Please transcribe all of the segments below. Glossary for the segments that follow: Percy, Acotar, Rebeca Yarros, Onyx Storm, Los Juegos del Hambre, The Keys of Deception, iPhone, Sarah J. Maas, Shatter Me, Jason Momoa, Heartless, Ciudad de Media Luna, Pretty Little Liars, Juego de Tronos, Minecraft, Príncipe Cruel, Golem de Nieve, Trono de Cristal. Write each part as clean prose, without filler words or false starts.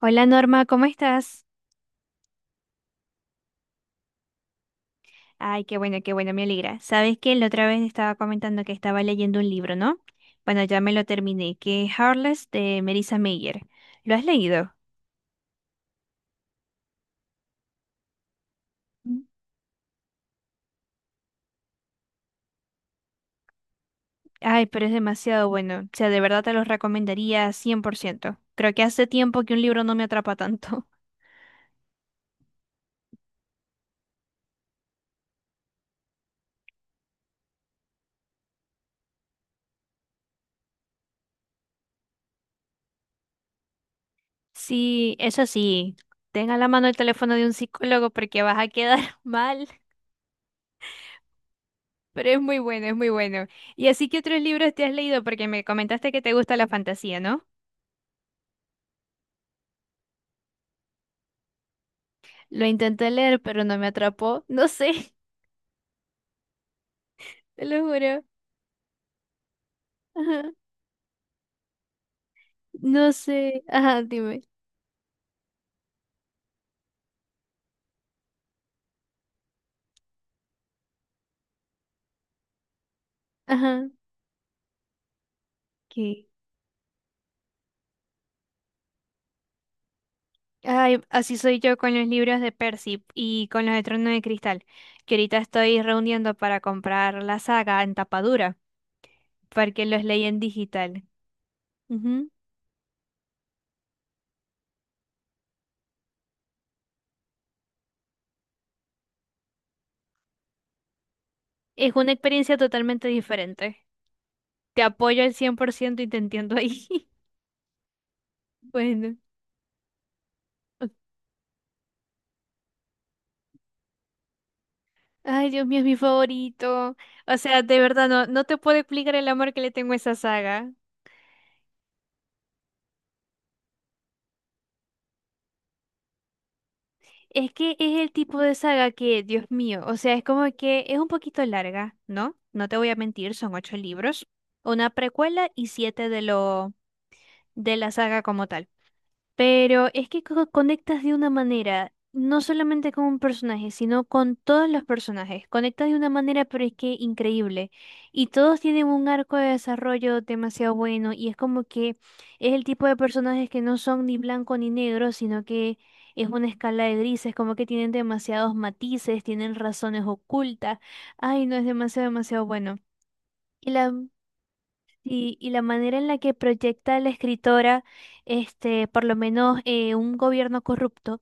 Hola Norma, ¿cómo estás? Ay, qué bueno, me alegra. Sabes que la otra vez estaba comentando que estaba leyendo un libro, ¿no? Bueno, ya me lo terminé, que es Heartless de Marissa Mayer. ¿Lo has leído? Mm. Ay, pero es demasiado bueno. O sea, de verdad te lo recomendaría 100%. Creo que hace tiempo que un libro no me atrapa tanto. Sí, eso sí, tenga a la mano el teléfono de un psicólogo porque vas a quedar mal. Pero es muy bueno, es muy bueno. ¿Y así que otros libros te has leído? Porque me comentaste que te gusta la fantasía, ¿no? Lo intenté leer, pero no me atrapó. No sé, te lo juro. Ajá. No sé. Ajá, dime. Ajá. ¿Qué? Ay, así soy yo con los libros de Percy y con los de Trono de Cristal, que ahorita estoy reuniendo para comprar la saga en tapadura, porque los leí en digital. Ujú. Es una experiencia totalmente diferente. Te apoyo al cien por ciento y te entiendo ahí. Bueno. Ay, Dios mío, es mi favorito. O sea, de verdad, no, no te puedo explicar el amor que le tengo a esa saga. Es que es el tipo de saga que, Dios mío, o sea, es como que es un poquito larga, ¿no? No te voy a mentir, son ocho libros, una precuela y siete de lo de la saga como tal. Pero es que conectas de una manera, no solamente con un personaje, sino con todos los personajes. Conectas de una manera, pero es que increíble. Y todos tienen un arco de desarrollo demasiado bueno. Y es como que es el tipo de personajes que no son ni blanco ni negro, sino que es una escala de grises, como que tienen demasiados matices, tienen razones ocultas. Ay, no, es demasiado, demasiado bueno. y la Sí, y la manera en la que proyecta la escritora, por lo menos un gobierno corrupto,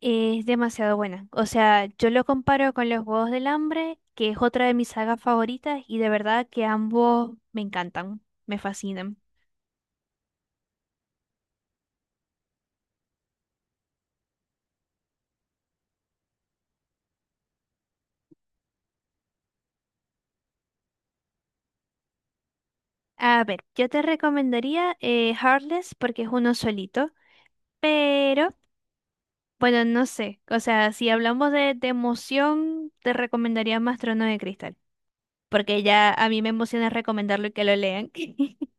es demasiado buena. O sea, yo lo comparo con Los Juegos del Hambre, que es otra de mis sagas favoritas, y de verdad que ambos me encantan, me fascinan. A ver, yo te recomendaría Heartless porque es uno solito, pero bueno, no sé. O sea, si hablamos de, emoción, te recomendaría más Trono de Cristal, porque ya a mí me emociona recomendarlo y que lo lean.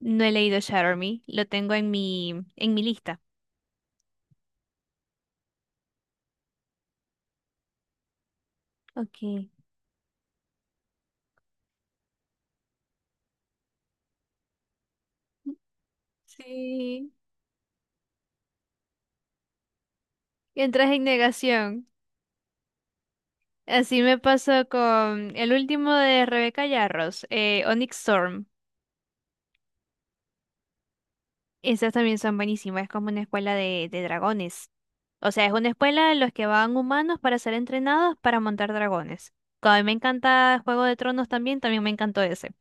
No he leído Shatter Me, lo tengo en en mi lista. Ok. Sí, entras en negación. Así me pasó con el último de Rebeca Yarros, Onyx Storm. Esas también son buenísimas, es como una escuela de, dragones. O sea, es una escuela en los que van humanos para ser entrenados para montar dragones. Como a mí me encanta Juego de Tronos también, también me encantó ese.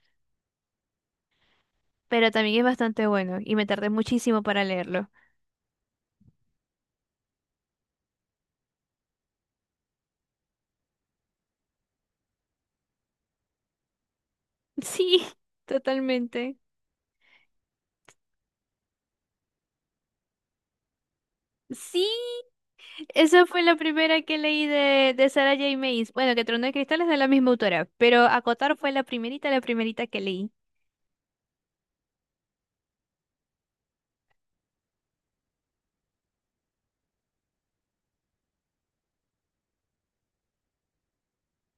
Pero también es bastante bueno y me tardé muchísimo para leerlo. Sí, totalmente. Sí. Esa fue la primera que leí de, Sarah J. Maas. Bueno, que Trono de Cristal es de la misma autora, pero Acotar fue la primerita que leí.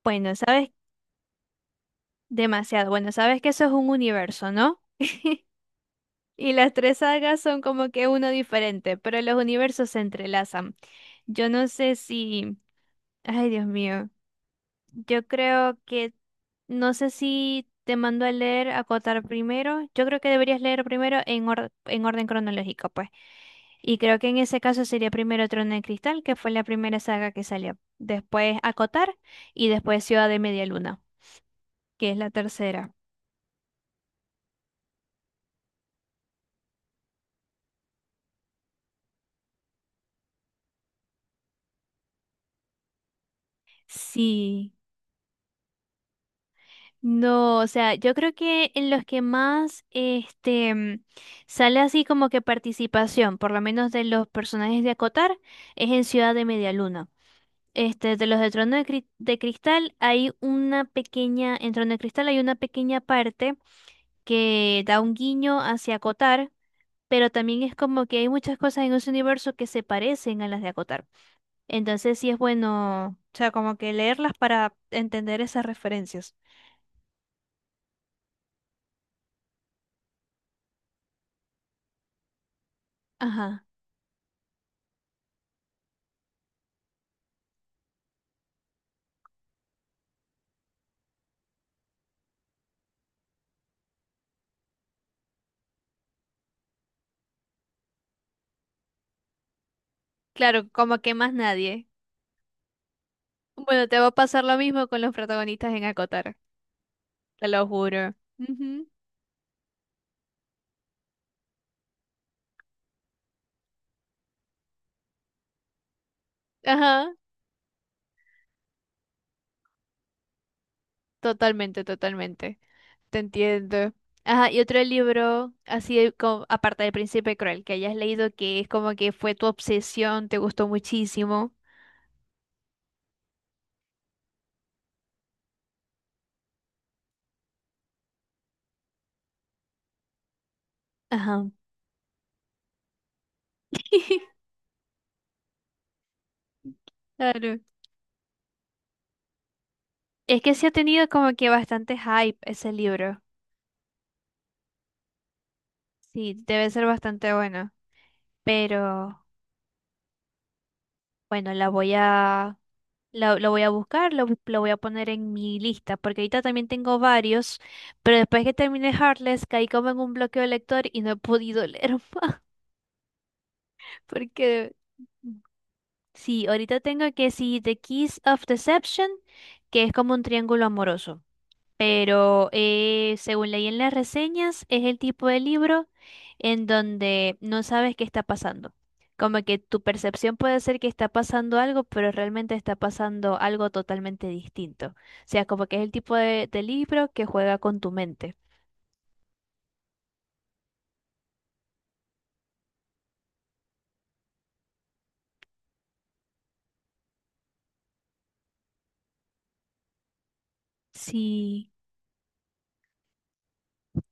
Bueno, sabes demasiado. Bueno, sabes que eso es un universo, ¿no? Y las tres sagas son como que uno diferente, pero los universos se entrelazan. Yo no sé si... Ay, Dios mío. Yo creo que... No sé si te mando a leer Acotar primero. Yo creo que deberías leer primero en orden cronológico, pues. Y creo que en ese caso sería primero Trono de Cristal, que fue la primera saga que salió. Después Acotar y después Ciudad de Media Luna, que es la tercera. Sí. No, o sea, yo creo que en los que más sale así como que participación, por lo menos de los personajes de Acotar, es en Ciudad de Media Luna. De los de de Cristal hay una pequeña, en Trono de Cristal hay una pequeña parte que da un guiño hacia Acotar, pero también es como que hay muchas cosas en ese universo que se parecen a las de Acotar. Entonces sí es bueno, o sea, como que leerlas para entender esas referencias. Ajá. Claro, como que más nadie. Bueno, te va a pasar lo mismo con los protagonistas en Acotar, te lo juro. Ujú. Ajá, totalmente, totalmente. Te entiendo. Ajá, y otro libro, así de aparte del Príncipe Cruel, que hayas leído que es como que fue tu obsesión, te gustó muchísimo. Ajá. Claro. Es que sí ha tenido como que bastante hype ese libro. Sí, debe ser bastante bueno. Pero bueno, la voy a, la- lo voy a buscar, lo voy a poner en mi lista, porque ahorita también tengo varios, pero después que terminé Heartless caí como en un bloqueo de lector y no he podido leer más, porque sí, ahorita tengo que sí, The Keys of Deception, que es como un triángulo amoroso. Pero según leí en las reseñas, es el tipo de libro en donde no sabes qué está pasando. Como que tu percepción puede ser que está pasando algo, pero realmente está pasando algo totalmente distinto. O sea, como que es el tipo de, libro que juega con tu mente. Sí.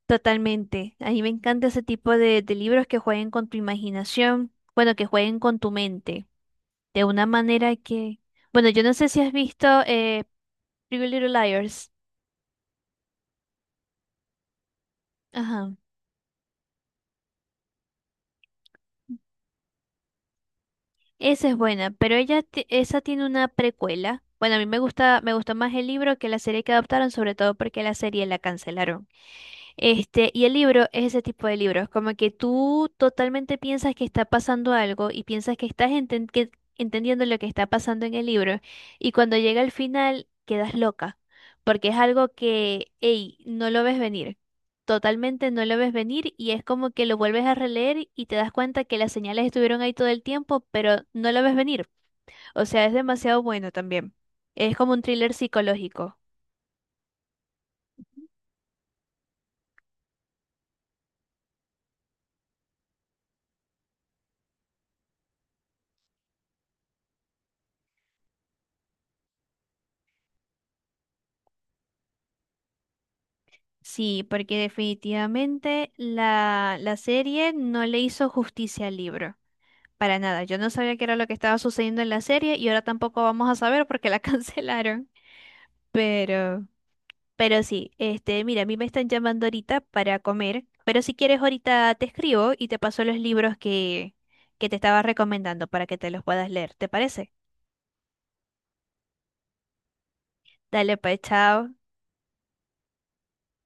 Totalmente. A mí me encanta ese tipo de, libros que jueguen con tu imaginación, bueno, que jueguen con tu mente, de una manera que, bueno, yo no sé si has visto Pretty Little Liars. Ajá. Esa es buena, pero esa tiene una precuela. Bueno, a mí me gustó más el libro que la serie que adaptaron, sobre todo porque la serie la cancelaron. Y el libro es ese tipo de libros, como que tú totalmente piensas que está pasando algo y piensas que entendiendo lo que está pasando en el libro, y cuando llega al final quedas loca, porque es algo que, ey, no lo ves venir, totalmente no lo ves venir y es como que lo vuelves a releer y te das cuenta que las señales estuvieron ahí todo el tiempo, pero no lo ves venir. O sea, es demasiado bueno también. Es como un thriller psicológico. Sí, porque definitivamente la serie no le hizo justicia al libro. Para nada, yo no sabía qué era lo que estaba sucediendo en la serie y ahora tampoco vamos a saber porque la cancelaron. Pero, pero sí, mira, a mí me están llamando ahorita para comer, pero si quieres ahorita te escribo y te paso los libros que te estaba recomendando para que te los puedas leer, ¿te parece? Dale, pues, chao.